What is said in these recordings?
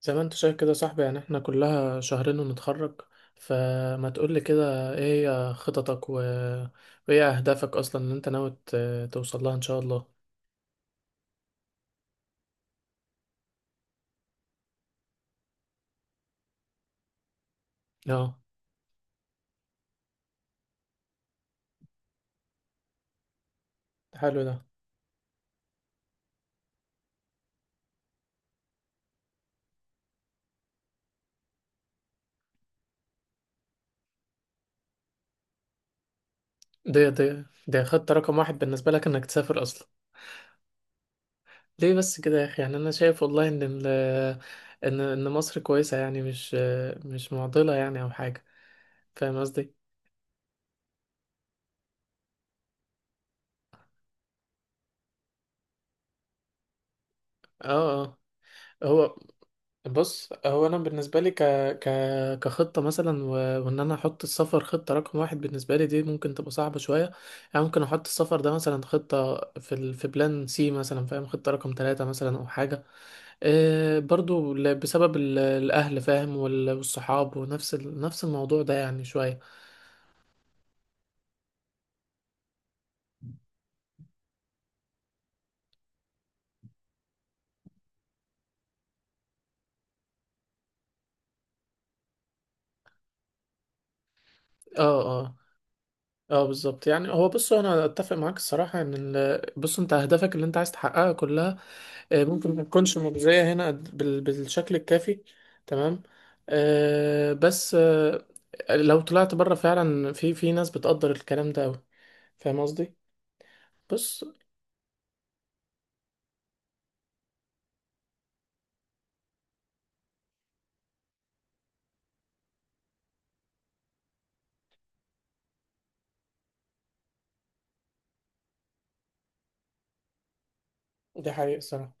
زي ما انت شايف كده يا صاحبي، يعني احنا كلها شهرين ونتخرج. فما تقولي كده، ايه هي خططك وايه اهدافك اصلا اللي انت ناوي توصل لها ان شاء الله؟ اه، حلو ده. دي خطة رقم واحد بالنسبة لك، انك تسافر اصلا. ليه بس كده يا اخي؟ يعني انا شايف والله ان مصر كويسة، يعني مش معضلة يعني او حاجة. فاهم قصدي؟ اه اه. هو بص، هو انا بالنسبه لي ك... كخطه مثلا، وان انا احط السفر خطه رقم واحد بالنسبه لي، دي ممكن تبقى صعبه شويه. يعني ممكن احط السفر ده مثلا خطه في في بلان سي مثلا، فاهم، خطه رقم ثلاثة مثلا او حاجه. إيه برضو بسبب الاهل، فاهم، والصحاب، ونفس نفس الموضوع ده يعني شويه. اه اه اه، بالظبط. يعني هو بص، انا اتفق معاك الصراحه بص، انت اهدافك اللي انت عايز تحققها كلها، ممكن ما تكونش مجزية هنا بالشكل الكافي. تمام. بس لو طلعت بره فعلا في ناس بتقدر الكلام ده أوي. فاهم قصدي؟ بص، دي حقيقة الصراحة.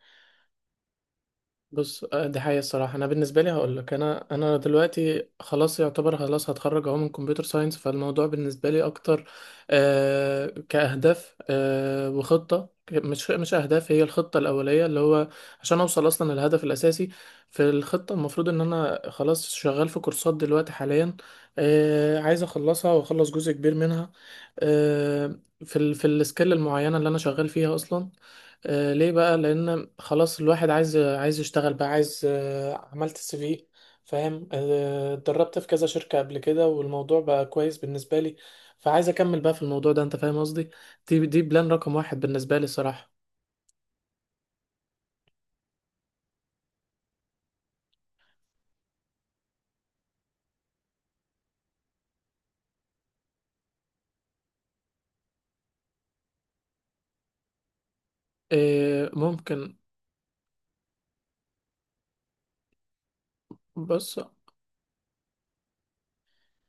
بص آه، دي حقيقة الصراحة. أنا بالنسبة لي هقول لك، أنا دلوقتي خلاص يعتبر خلاص هتخرج أهو من كمبيوتر ساينس. فالموضوع بالنسبة لي أكتر كأهداف، وخطة، مش أهداف، هي الخطة الأولية اللي هو عشان أوصل أصلا للهدف الأساسي. في الخطة، المفروض إن أنا خلاص شغال في كورسات دلوقتي حاليا. عايز أخلصها وأخلص جزء كبير منها. آه في السكيل المعينة اللي أنا شغال فيها أصلا. ليه بقى؟ لان خلاص الواحد عايز عايز يشتغل بقى، عايز عملت السي في، فاهم، اتدربت في كذا شركة قبل كده، والموضوع بقى كويس بالنسبة لي. فعايز اكمل بقى في الموضوع ده، انت فاهم قصدي. دي بلان رقم واحد بالنسبة لي الصراحة. ممكن. بص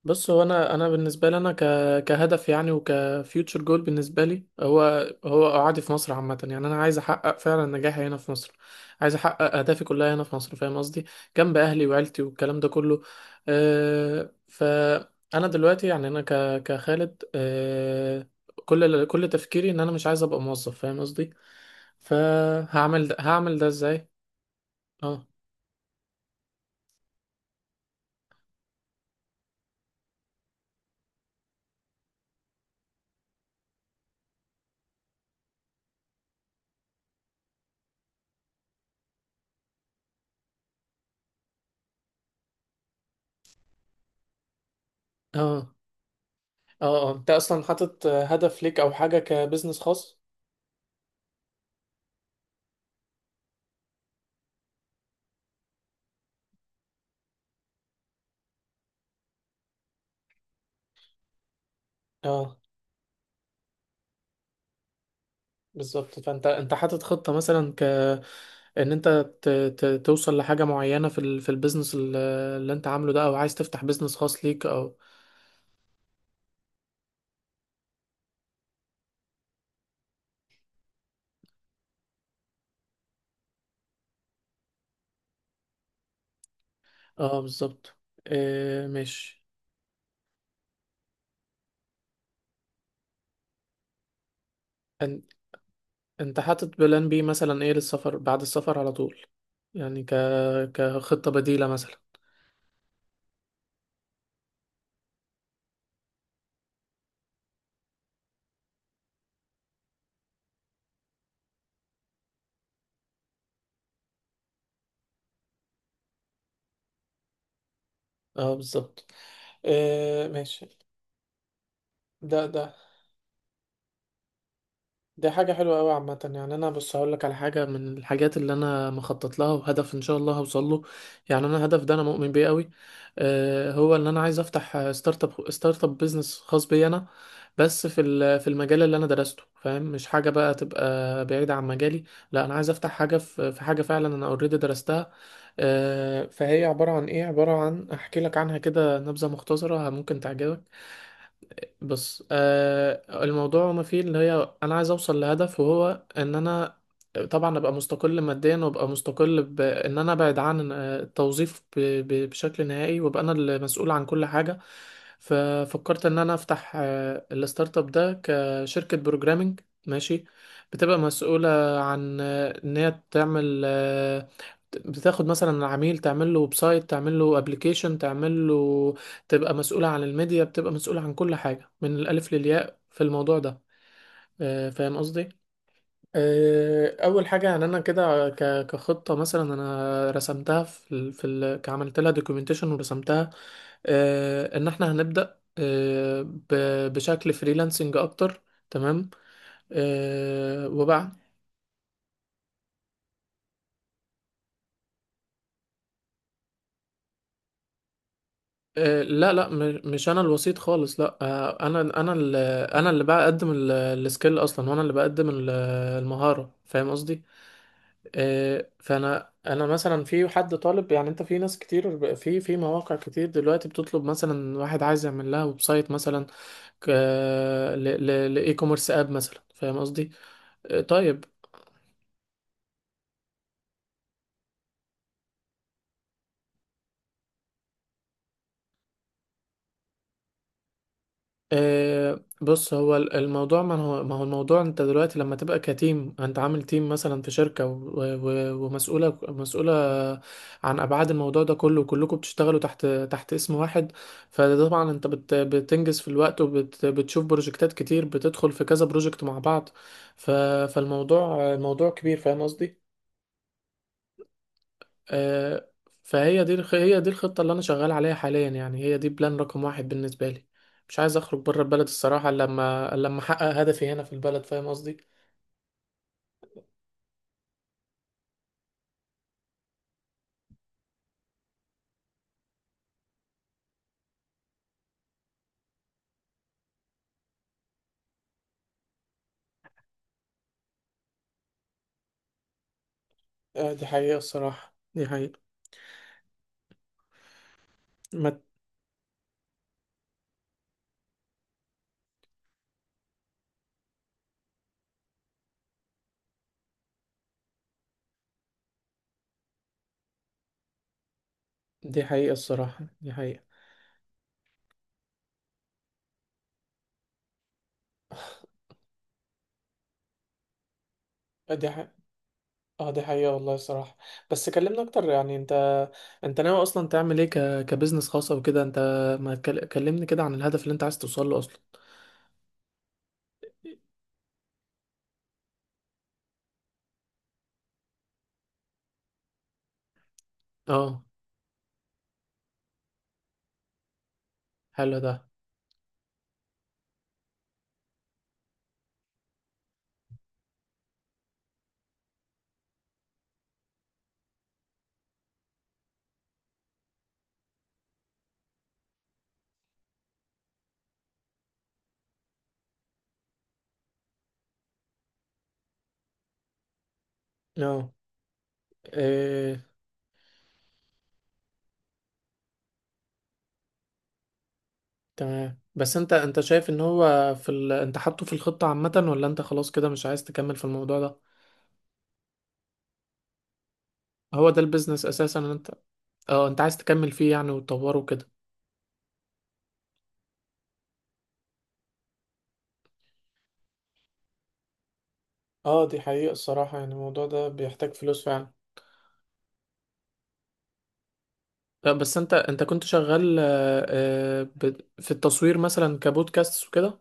بص هو انا بالنسبه لي، انا كهدف يعني، وكفيوتشر جول بالنسبه لي، هو قعدي في مصر عامه. يعني انا عايز احقق فعلا نجاحي هنا في مصر، عايز احقق اهدافي كلها هنا في مصر، فاهم قصدي، جنب اهلي وعيلتي والكلام ده كله. فانا دلوقتي يعني انا كخالد، كل تفكيري ان انا مش عايز ابقى موظف، فاهم قصدي. فهعمل ده، هعمل ده ازاي؟ اه اه اه اه، انت اصلا حاطط هدف ليك او حاجه كبزنس خاص؟ اه بالظبط. فانت حاطط خطة مثلا، ان انت توصل لحاجة معينة في في البيزنس اللي انت عامله ده، او عايز تفتح بيزنس خاص ليك او. اه بالظبط، إيه ماشي. ان... انت حاطط بلان بي مثلا، ايه للسفر بعد السفر على طول؟ يعني كخطة بديلة مثلا. اه بالظبط، إيه ماشي. ده ده دي حاجة حلوة أوي عامة. يعني أنا بص هقولك على حاجة من الحاجات اللي أنا مخطط لها، وهدف إن شاء الله هوصل له. يعني أنا الهدف ده أنا مؤمن بيه أوي. هو إن أنا عايز أفتح ستارت أب، ستارت أب بيزنس خاص بي أنا، بس في في المجال اللي أنا درسته، فاهم، مش حاجة بقى تبقى بعيدة عن مجالي. لا أنا عايز أفتح حاجة في حاجة فعلا أنا أوريدي درستها. فهي عبارة عن إيه، عبارة عن أحكي لك عنها كده نبذة مختصرة ممكن تعجبك. بص، الموضوع ما فيه اللي هي، انا عايز اوصل لهدف، وهو ان انا طبعا ابقى مستقل ماديا، وابقى مستقل بان انا ابعد عن التوظيف ب- ب- بشكل نهائي، وابقى انا المسؤول عن كل حاجة. ففكرت ان انا افتح الستارت اب ده كشركة بروجرامنج. ماشي. بتبقى مسؤولة عن ان هي تعمل، بتاخد مثلا العميل، تعمل له ويب سايت، تعمل له ابلكيشن، تعمل له، تبقى مسؤولة عن الميديا، بتبقى مسؤولة عن كل حاجة من الألف للياء في الموضوع ده. فاهم قصدي؟ أول حاجة يعني، أنا كده كخطة مثلا أنا رسمتها في عملت لها دوكيومنتيشن ورسمتها، إن إحنا هنبدأ بشكل فريلانسنج أكتر. تمام. وبعد لا لا، مش انا الوسيط خالص. لا، انا اللي بقدم السكيل اصلا، وانا اللي بقدم المهارة، فاهم قصدي. فانا مثلا، في حد طالب يعني، انت في ناس كتير في مواقع كتير دلوقتي بتطلب مثلا واحد عايز يعمل لها ويب سايت مثلا، ك- لاي كوميرس اب مثلا، فاهم قصدي. طيب. بص، هو الموضوع، ما هو، الموضوع انت دلوقتي لما تبقى كتيم، انت عامل تيم مثلا في شركة ومسؤولة عن ابعاد الموضوع ده كله، وكلكم بتشتغلوا تحت اسم واحد. فطبعا انت بتنجز في الوقت، وبتشوف بروجكتات كتير، بتدخل في كذا بروجكت مع بعض. ف فالموضوع كبير، فاهم قصدي. آه، فهي دي هي دي الخطة اللي أنا شغال عليها حاليا، يعني هي دي بلان رقم واحد بالنسبة لي. مش عايز أخرج بره البلد الصراحة، إلا لما أحقق هدفي هنا في البلد، فاهم قصدي. دي حقيقة الصراحة. دي حقيقة. ما دي حقيقة الصراحة. دي حقيقة. دي حقيقة. اه، دي حقيقة والله الصراحة. بس كلمنا أكتر يعني. أنت ناوي أصلا تعمل إيه كبزنس خاص أو كده؟ أنت ما كلمني كده عن الهدف اللي أنت عايز توصل له أصلا. اه، حلو ده. اه تمام، بس انت شايف ان هو في انت حاطه في الخطة عامة، ولا انت خلاص كده مش عايز تكمل في الموضوع ده؟ هو ده البيزنس اساسا، ان انت اه انت عايز تكمل فيه يعني، وتطوره كده. اه، دي حقيقة الصراحة، يعني الموضوع ده بيحتاج فلوس فعلا. اه، بس انت كنت شغال، في التصوير مثلا كبودكاست وكده.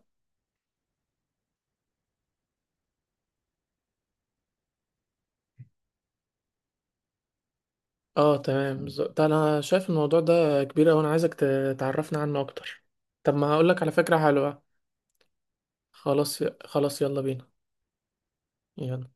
اه تمام، بالظبط. ده انا شايف الموضوع ده كبير اوي، انا عايزك تعرفنا عنه اكتر. طب، ما هقولك على فكرة حلوة. خلاص خلاص، يلا بينا. يلا.